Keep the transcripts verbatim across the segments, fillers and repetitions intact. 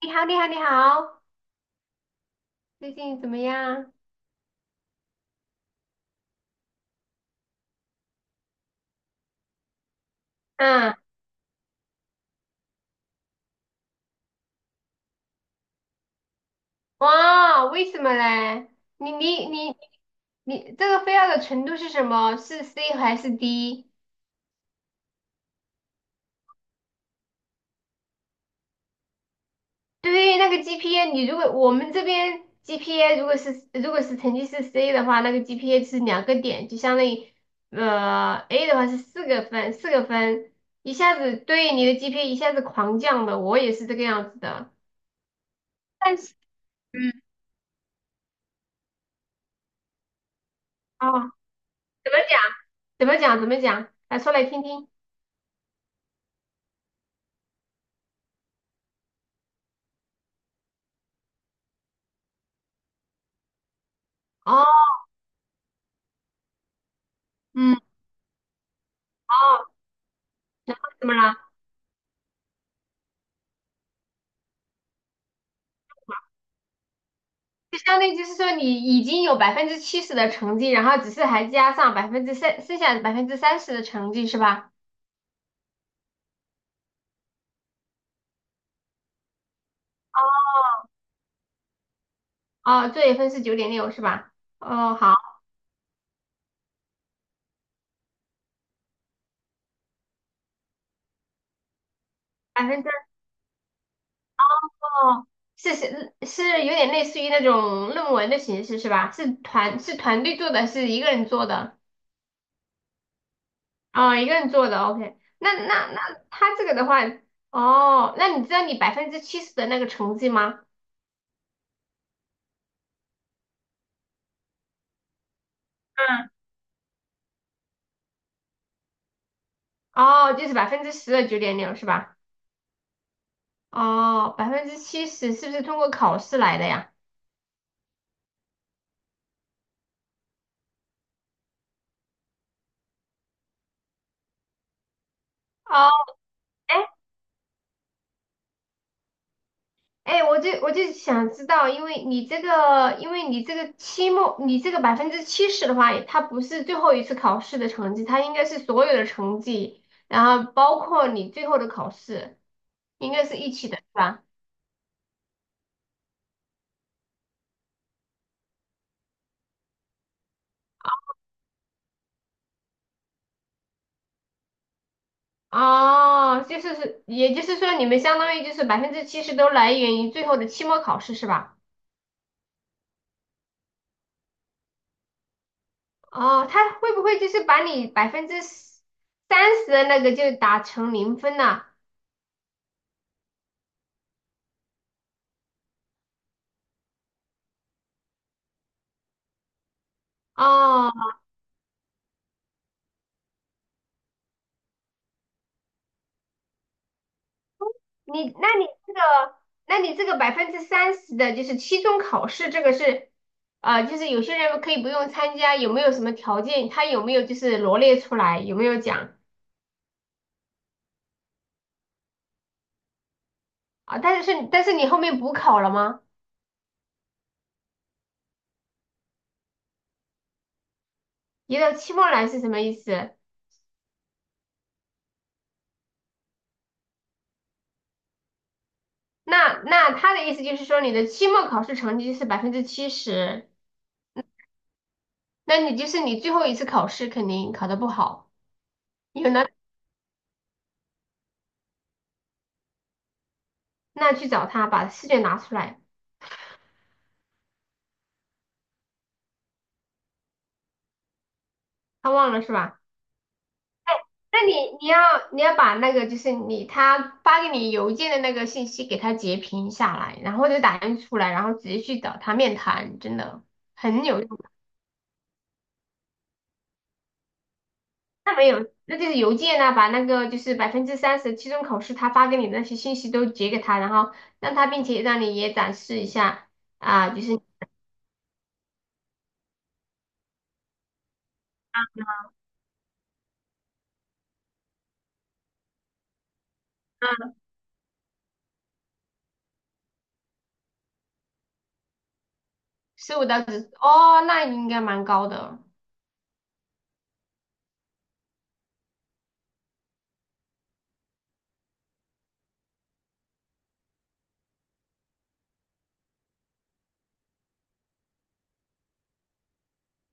你好，你好，你好，最近怎么样？嗯，哇，为什么嘞？你你你你这个 f a 的程度是什么？是 C 还是 D？对，那个 G P A，你如果我们这边 G P A 如果是如果是成绩是 C 的话，那个 G P A 是两个点，就相当于呃 A 的话是四个分，四个分，一下子对你的 G P A 一下子狂降的，我也是这个样子的。但是，嗯，哦，怎么讲？怎么讲？怎么讲？来说来听听。哦，嗯，哦，怎么了？就相当于就是说，你已经有百分之七十的成绩，然后只是还加上百分之三，剩下百分之三十的成绩是吧？哦，作业分是九点六是吧？哦，好，百分之哦，是是是有点类似于那种论文的形式是吧？是团是团队做的，是一个人做的？哦，一个人做的，OK。那那那他这个的话，哦，那你知道你百分之七十的那个成绩吗？嗯。哦，就是百分之十的九点六是吧？哦，百分之七十是不是通过考试来的呀？哦，哎哎，我就我就想知道，因为你这个，因为你这个期末，你这个百分之七十的话，它不是最后一次考试的成绩，它应该是所有的成绩，然后包括你最后的考试，应该是一起的，是吧？哦，就是是，也就是说，你们相当于就是百分之七十都来源于最后的期末考试，是吧？哦，他会不会就是把你百分之三十的那个就打成零分了？哦，你那你这个，那你这个百分之三十的就是期中考试，这个是，呃，就是有些人可以不用参加，有没有什么条件？他有没有就是罗列出来？有没有讲啊？但是但是你后面补考了吗？移到期末来是什么意思？那那他的意思就是说你的期末考试成绩是百分之七十，那你就是你最后一次考试肯定考得不好。有呢，那去找他，把试卷拿出来，他忘了是吧？那你你要你要把那个就是你他发给你邮件的那个信息给他截屏下来，然后就打印出来，然后直接去找他面谈，真的很有用。那就是邮件呢、把那个就是百分之三十期中考试他发给你的那些信息都截给他，然后让他，并且让你也展示一下啊，就是十五到十哦，那应该蛮高的。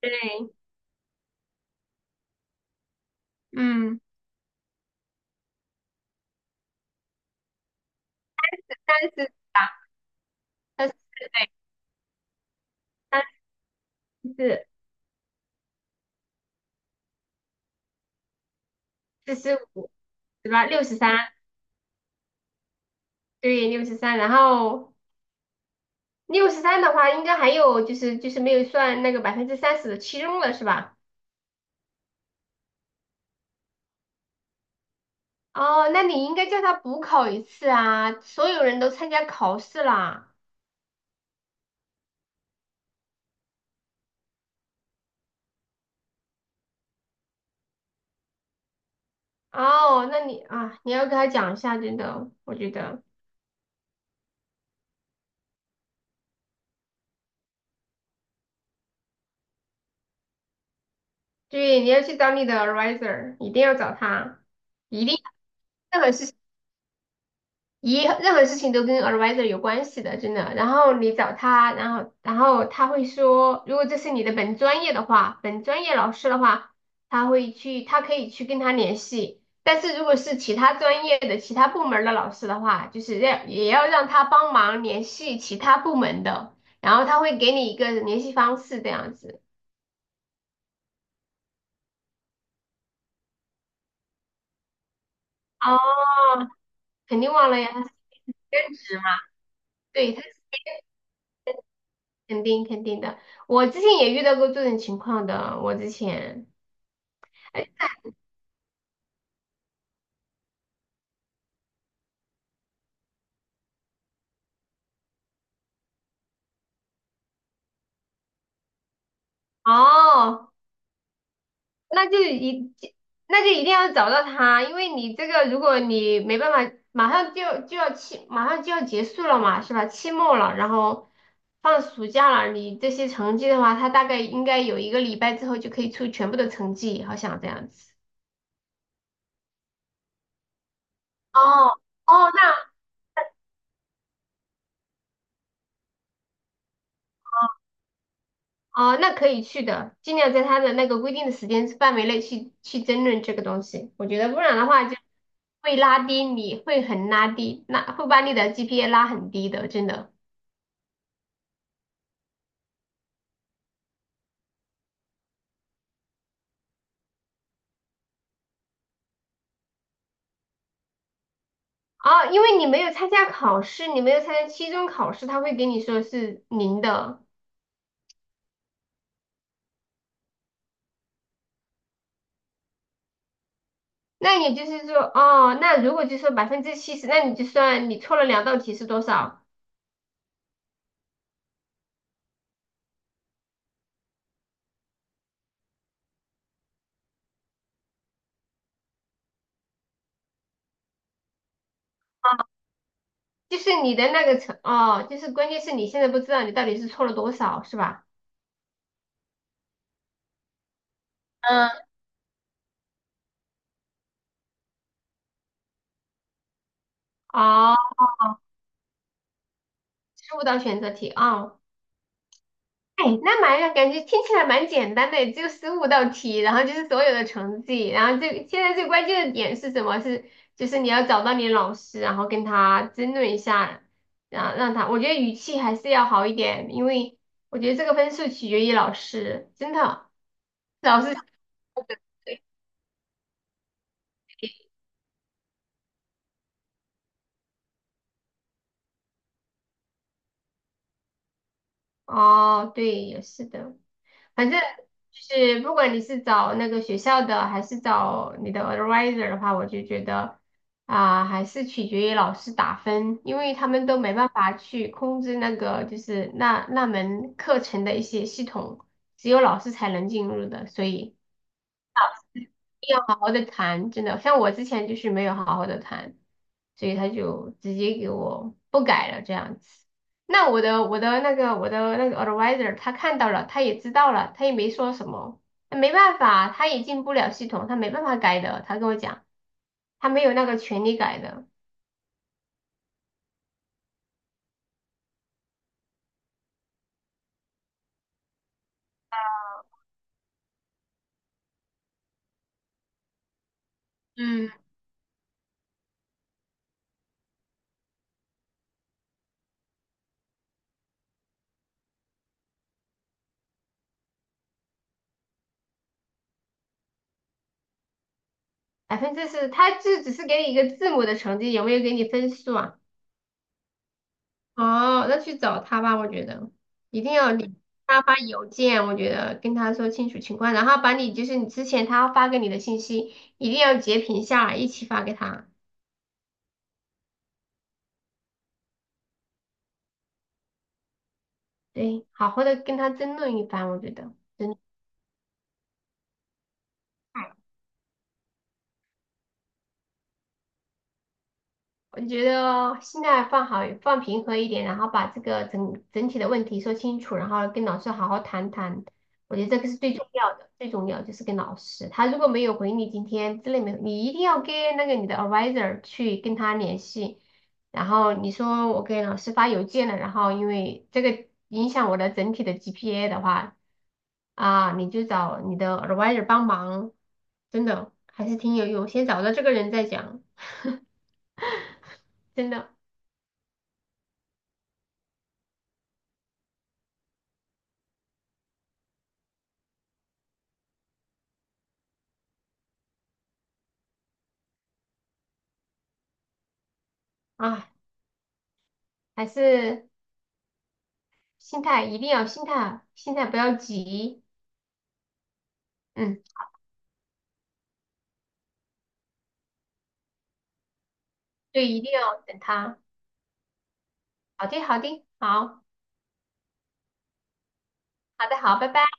对，嗯，三十，三十，对。三十四四十五，对吧？六十三，对，六十三。然后六十三的话，应该还有就是就是没有算那个百分之三十的期中了，是吧？哦，那你应该叫他补考一次啊！所有人都参加考试啦。哦，那你啊，你要跟他讲一下，真的，我觉得，对，你要去找你的 advisor，一定要找他，一定，任何事一任何事情都跟 advisor 有关系的，真的。然后你找他，然后然后他会说，如果这是你的本专业的话，本专业老师的话，他会去，他可以去跟他联系。但是如果是其他专业的、其他部门的老师的话，就是要也要让他帮忙联系其他部门的，然后他会给你一个联系方式这样子。哦，肯定忘了呀，他是兼职嘛，对，他是肯定肯定的。我之前也遇到过这种情况的，我之前。哦，那就一，那就一定要找到他，因为你这个，如果你没办法，马上就就要期，马上就要结束了嘛，是吧？期末了，然后放暑假了，你这些成绩的话，他大概应该有一个礼拜之后就可以出全部的成绩，好像这样子。哦哦，那哦，那可以去的，尽量在他的那个规定的时间范围内去去争论这个东西。我觉得不然的话就会拉低你，会很拉低，那会把你的 G P A 拉很低的，真的。哦，因为你没有参加考试，你没有参加期中考试，他会给你说是零的。那也就是说，哦，那如果就说百分之七十，那你就算你错了两道题是多少？就是你的那个成，哦，就是关键是你现在不知道你到底是错了多少，是吧？嗯，哦，十五道选择题啊，哦哎，那蛮感觉听起来蛮简单的，只有十五道题，然后就是所有的成绩，然后最现在最关键的点是什么？是就是你要找到你的老师，然后跟他争论一下，然后让他，我觉得语气还是要好一点，因为我觉得这个分数取决于老师，真的，老师哦，对，也是的，反正就是不管你是找那个学校的，还是找你的 advisor 的话，我就觉得啊、还是取决于老师打分，因为他们都没办法去控制那个就是那那门课程的一些系统，只有老师才能进入的，所以。定要好好的谈，真的，像我之前就是没有好好的谈，所以他就直接给我不改了这样子。那我的我的那个我的那个 advisor 他看到了，他也知道了，他也没说什么，没办法，他也进不了系统，他没办法改的。他跟我讲，他没有那个权利改的，嗯，百分之四，他就只是给你一个字母的成绩，有没有给你分数啊？哦，那去找他吧，我觉得一定要你他发邮件，我觉得跟他说清楚情况，然后把你就是你之前他发给你的信息一定要截屏下来，一起发给他。对，好好的跟他争论一番，我觉得真的。我觉得心态放好、放平和一点，然后把这个整整体的问题说清楚，然后跟老师好好谈谈。我觉得这个是最重要的，最重要就是跟老师，他如果没有回你今天之类没有，你一定要跟那个你的 advisor 去跟他联系。然后你说我给老师发邮件了，然后因为这个影响我的整体的 G P A 的话，啊，你就找你的 advisor 帮忙，真的还是挺有用。先找到这个人再讲，真的啊。还是心态一定要心态，心态不要急，嗯，对，一定要等他。好的，好的，好，好的，好，拜拜。